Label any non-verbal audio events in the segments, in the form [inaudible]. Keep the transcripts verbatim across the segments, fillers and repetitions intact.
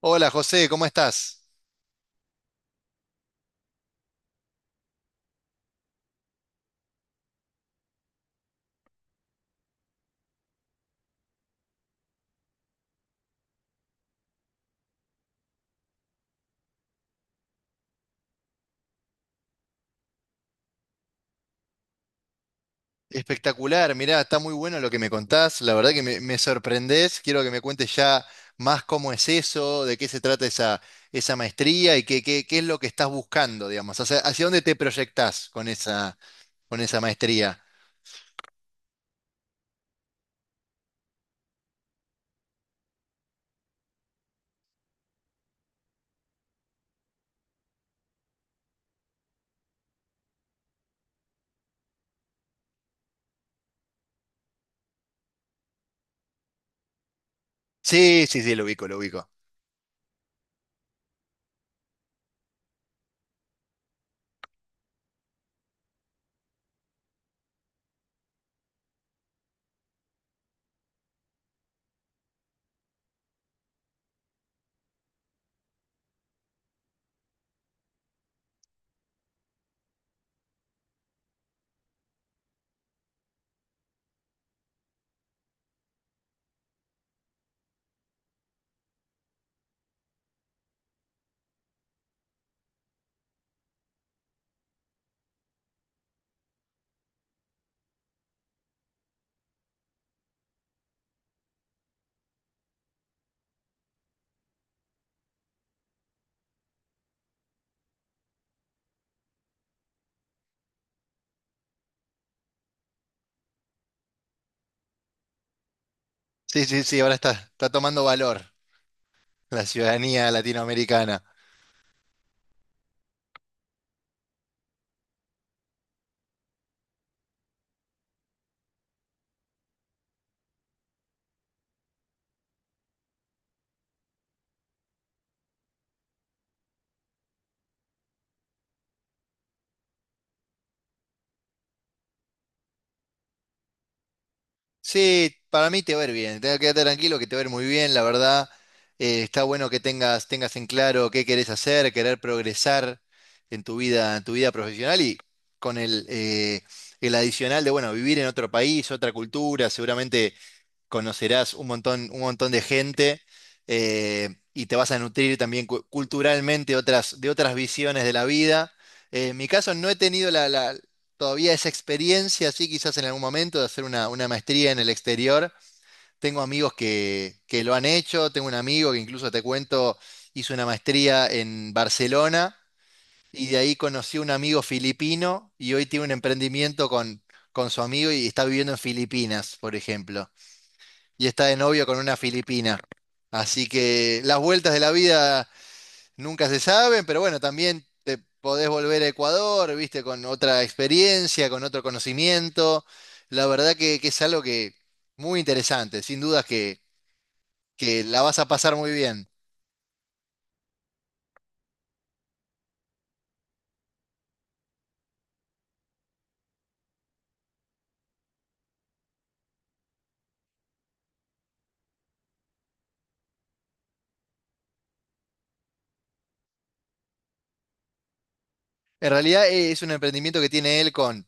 Hola José, ¿cómo estás? Espectacular, mirá, está muy bueno lo que me contás, la verdad que me, me sorprendés, quiero que me cuentes ya más cómo es eso, de qué se trata esa, esa maestría y qué, qué, qué es lo que estás buscando, digamos, hacia, hacia dónde te proyectás con esa, con esa maestría. Sí, sí, sí, lo ubico, lo ubico. Sí, sí, sí, ahora está, está tomando valor la ciudadanía latinoamericana. Sí, para mí te va a ir bien. Tenga- Quédate tranquilo que te va a ir muy bien, la verdad. Eh, está bueno que tengas, tengas en claro qué querés hacer, querer progresar en tu vida, en tu vida profesional y con el, eh, el adicional de, bueno, vivir en otro país, otra cultura, seguramente conocerás un montón, un montón de gente eh, y te vas a nutrir también cu- culturalmente otras, de otras visiones de la vida. Eh, en mi caso no he tenido la, la- todavía esa experiencia, sí, quizás en algún momento de hacer una, una maestría en el exterior. Tengo amigos que, que lo han hecho, tengo un amigo que incluso te cuento, hizo una maestría en Barcelona y de ahí conocí a un amigo filipino y hoy tiene un emprendimiento con, con su amigo y está viviendo en Filipinas, por ejemplo, y está de novio con una filipina. Así que las vueltas de la vida nunca se saben, pero bueno, también te podés volver a Ecuador, viste, con otra experiencia, con otro conocimiento. La verdad que, que es algo que muy interesante, sin dudas que, que la vas a pasar muy bien. En realidad eh, es un emprendimiento que tiene él con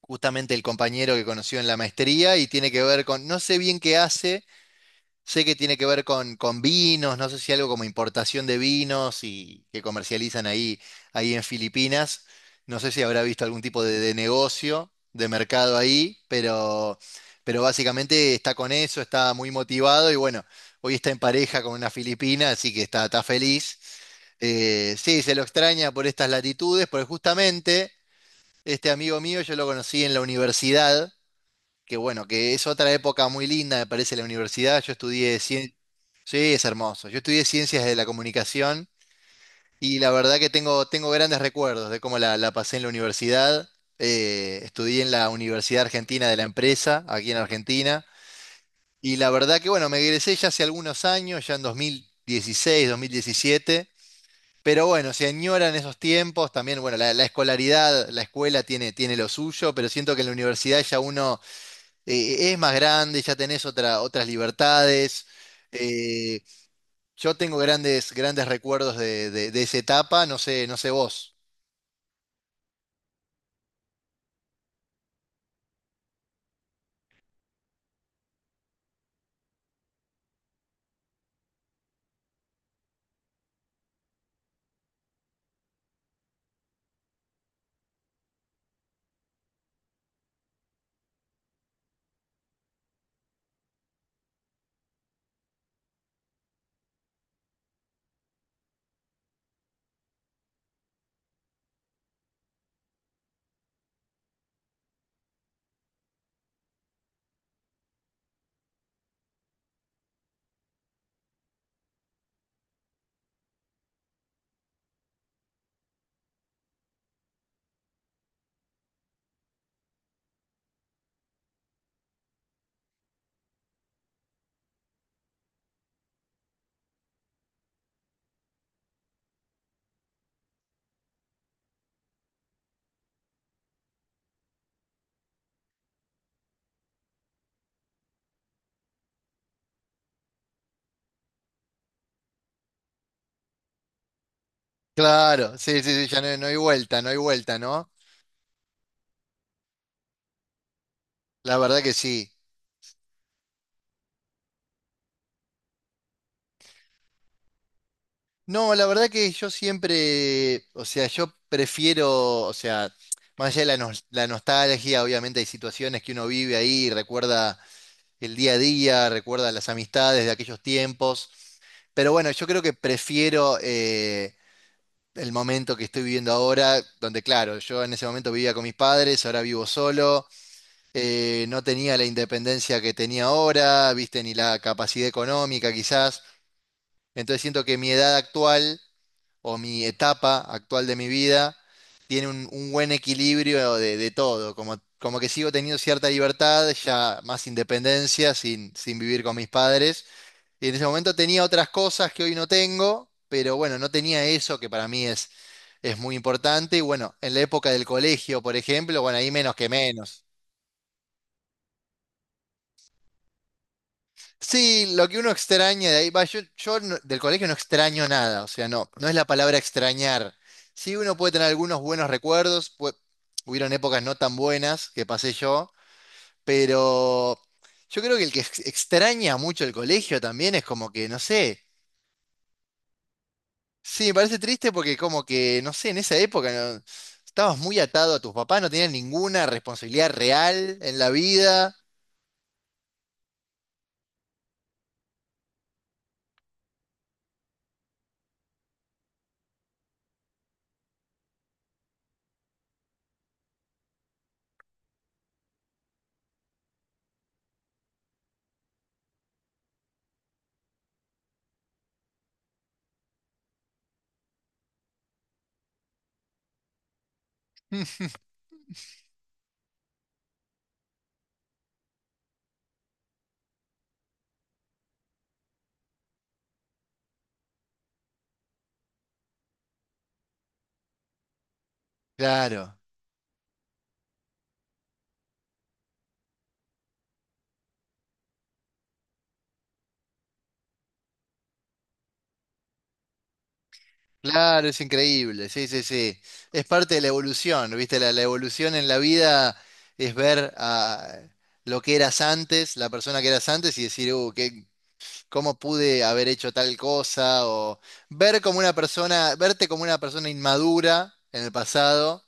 justamente el compañero que conoció en la maestría y tiene que ver con, no sé bien qué hace. Sé que tiene que ver con, con vinos, no sé si algo como importación de vinos y que comercializan ahí, ahí en Filipinas. No sé si habrá visto algún tipo de, de negocio, de mercado ahí, pero, pero básicamente está con eso, está muy motivado y bueno, hoy está en pareja con una filipina, así que está, está feliz. Eh, sí, se lo extraña por estas latitudes, porque justamente este amigo mío yo lo conocí en la universidad, que bueno, que es otra época muy linda, me parece, la universidad. Yo estudié ciencias, sí, es hermoso. Yo estudié ciencias de la comunicación y la verdad que tengo, tengo grandes recuerdos de cómo la, la pasé en la universidad. Eh, estudié en la Universidad Argentina de la Empresa, aquí en Argentina. Y la verdad que bueno, me egresé ya hace algunos años, ya en dos mil dieciséis, dos mil diecisiete. Pero bueno, se añoran esos tiempos. También, bueno, la, la escolaridad, la escuela tiene, tiene lo suyo, pero siento que en la universidad ya uno eh, es más grande, ya tenés otra, otras libertades. eh, yo tengo grandes, grandes recuerdos de, de- de esa etapa, no sé, no sé vos. Claro, sí, sí, sí, ya no, no hay vuelta, no hay vuelta, ¿no? La verdad que sí. No, la verdad que yo siempre, o sea, yo prefiero, o sea, más allá de la, nos- la nostalgia, obviamente hay situaciones que uno vive ahí, recuerda el día a día, recuerda las amistades de aquellos tiempos, pero bueno, yo creo que prefiero eh, el momento que estoy viviendo ahora, donde claro, yo en ese momento vivía con mis padres, ahora vivo solo, eh, no tenía la independencia que tenía ahora, viste, ni la capacidad económica quizás. Entonces siento que mi edad actual o mi etapa actual de mi vida tiene un, un buen equilibrio de, de todo, como, como que sigo teniendo cierta libertad, ya más independencia sin, sin vivir con mis padres. Y en ese momento tenía otras cosas que hoy no tengo, pero bueno, no tenía eso que para mí es es muy importante. Y bueno, en la época del colegio, por ejemplo, bueno, ahí menos que menos. Sí, lo que uno extraña de ahí, va, yo, yo no- del colegio no extraño nada, o sea, no, no es la palabra extrañar. Sí, uno puede tener algunos buenos recuerdos, pu- hubieron épocas no tan buenas que pasé yo, pero yo creo que el que ex- extraña mucho el colegio también es como que, no sé, sí, me parece triste porque como que, no sé, en esa época no- estabas muy atado a tus papás, no tenías ninguna responsabilidad real en la vida. [laughs] Mm, claro, claro, es increíble, sí, sí, sí. Es parte de la evolución, ¿viste? La, la evolución en la vida es ver a lo que eras antes, la persona que eras antes y decir, uh, qué- ¿cómo pude haber hecho tal cosa? O ver como una persona, verte como una persona inmadura en el pasado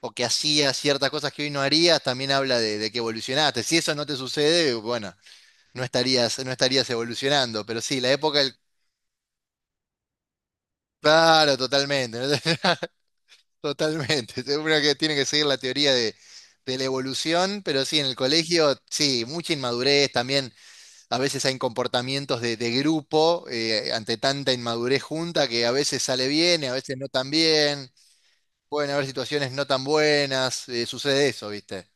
o que hacía ciertas cosas que hoy no harías, también habla de, de que evolucionaste. Si eso no te sucede, bueno, no estarías, no estarías evolucionando, pero sí, la época del. Claro, totalmente. [laughs] Totalmente, [laughs] seguro que tiene que seguir la teoría de, de la evolución, pero sí, en el colegio, sí, mucha inmadurez, también a veces hay comportamientos de, de grupo eh, ante tanta inmadurez junta que a veces sale bien y a veces no tan bien, pueden haber situaciones no tan buenas, eh, sucede eso, ¿viste?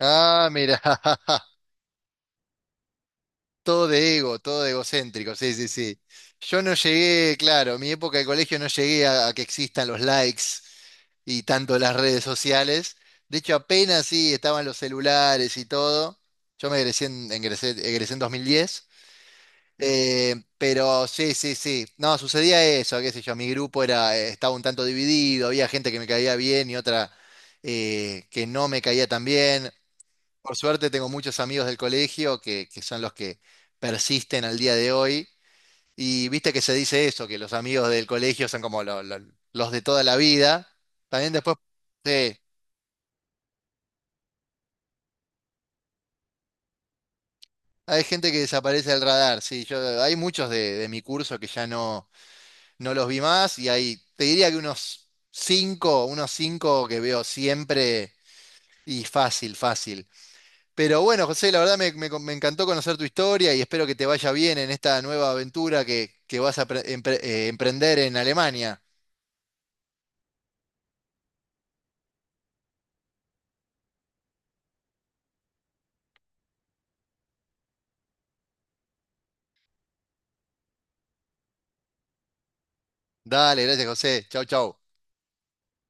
Ah, mira. [laughs] Todo de ego, todo de egocéntrico, sí, sí, sí. Yo no llegué, claro, en mi época de colegio no llegué a, a que existan los likes y tanto las redes sociales. De hecho, apenas sí estaban los celulares y todo. Yo me egresé en, ingresé- egresé en dos mil diez. eh, pero sí, sí, sí. No, sucedía eso, qué sé yo. Mi grupo era, eh, estaba un tanto dividido, había gente que me caía bien y otra eh, que no me caía tan bien. Por suerte tengo muchos amigos del colegio que, que son los que persisten al día de hoy. Y viste que se dice eso, que los amigos del colegio son como lo- lo- los de toda la vida. También después, sí, hay gente que desaparece del radar. Sí, yo, hay muchos de, de mi curso que ya no, no los vi más y hay, te diría que unos cinco, unos cinco que veo siempre y fácil, fácil. Pero bueno, José, la verdad me, me- me encantó conocer tu historia y espero que te vaya bien en esta nueva aventura que, que vas a pre- empre- eh, emprender en Alemania. Dale, gracias, José. Chau, chau.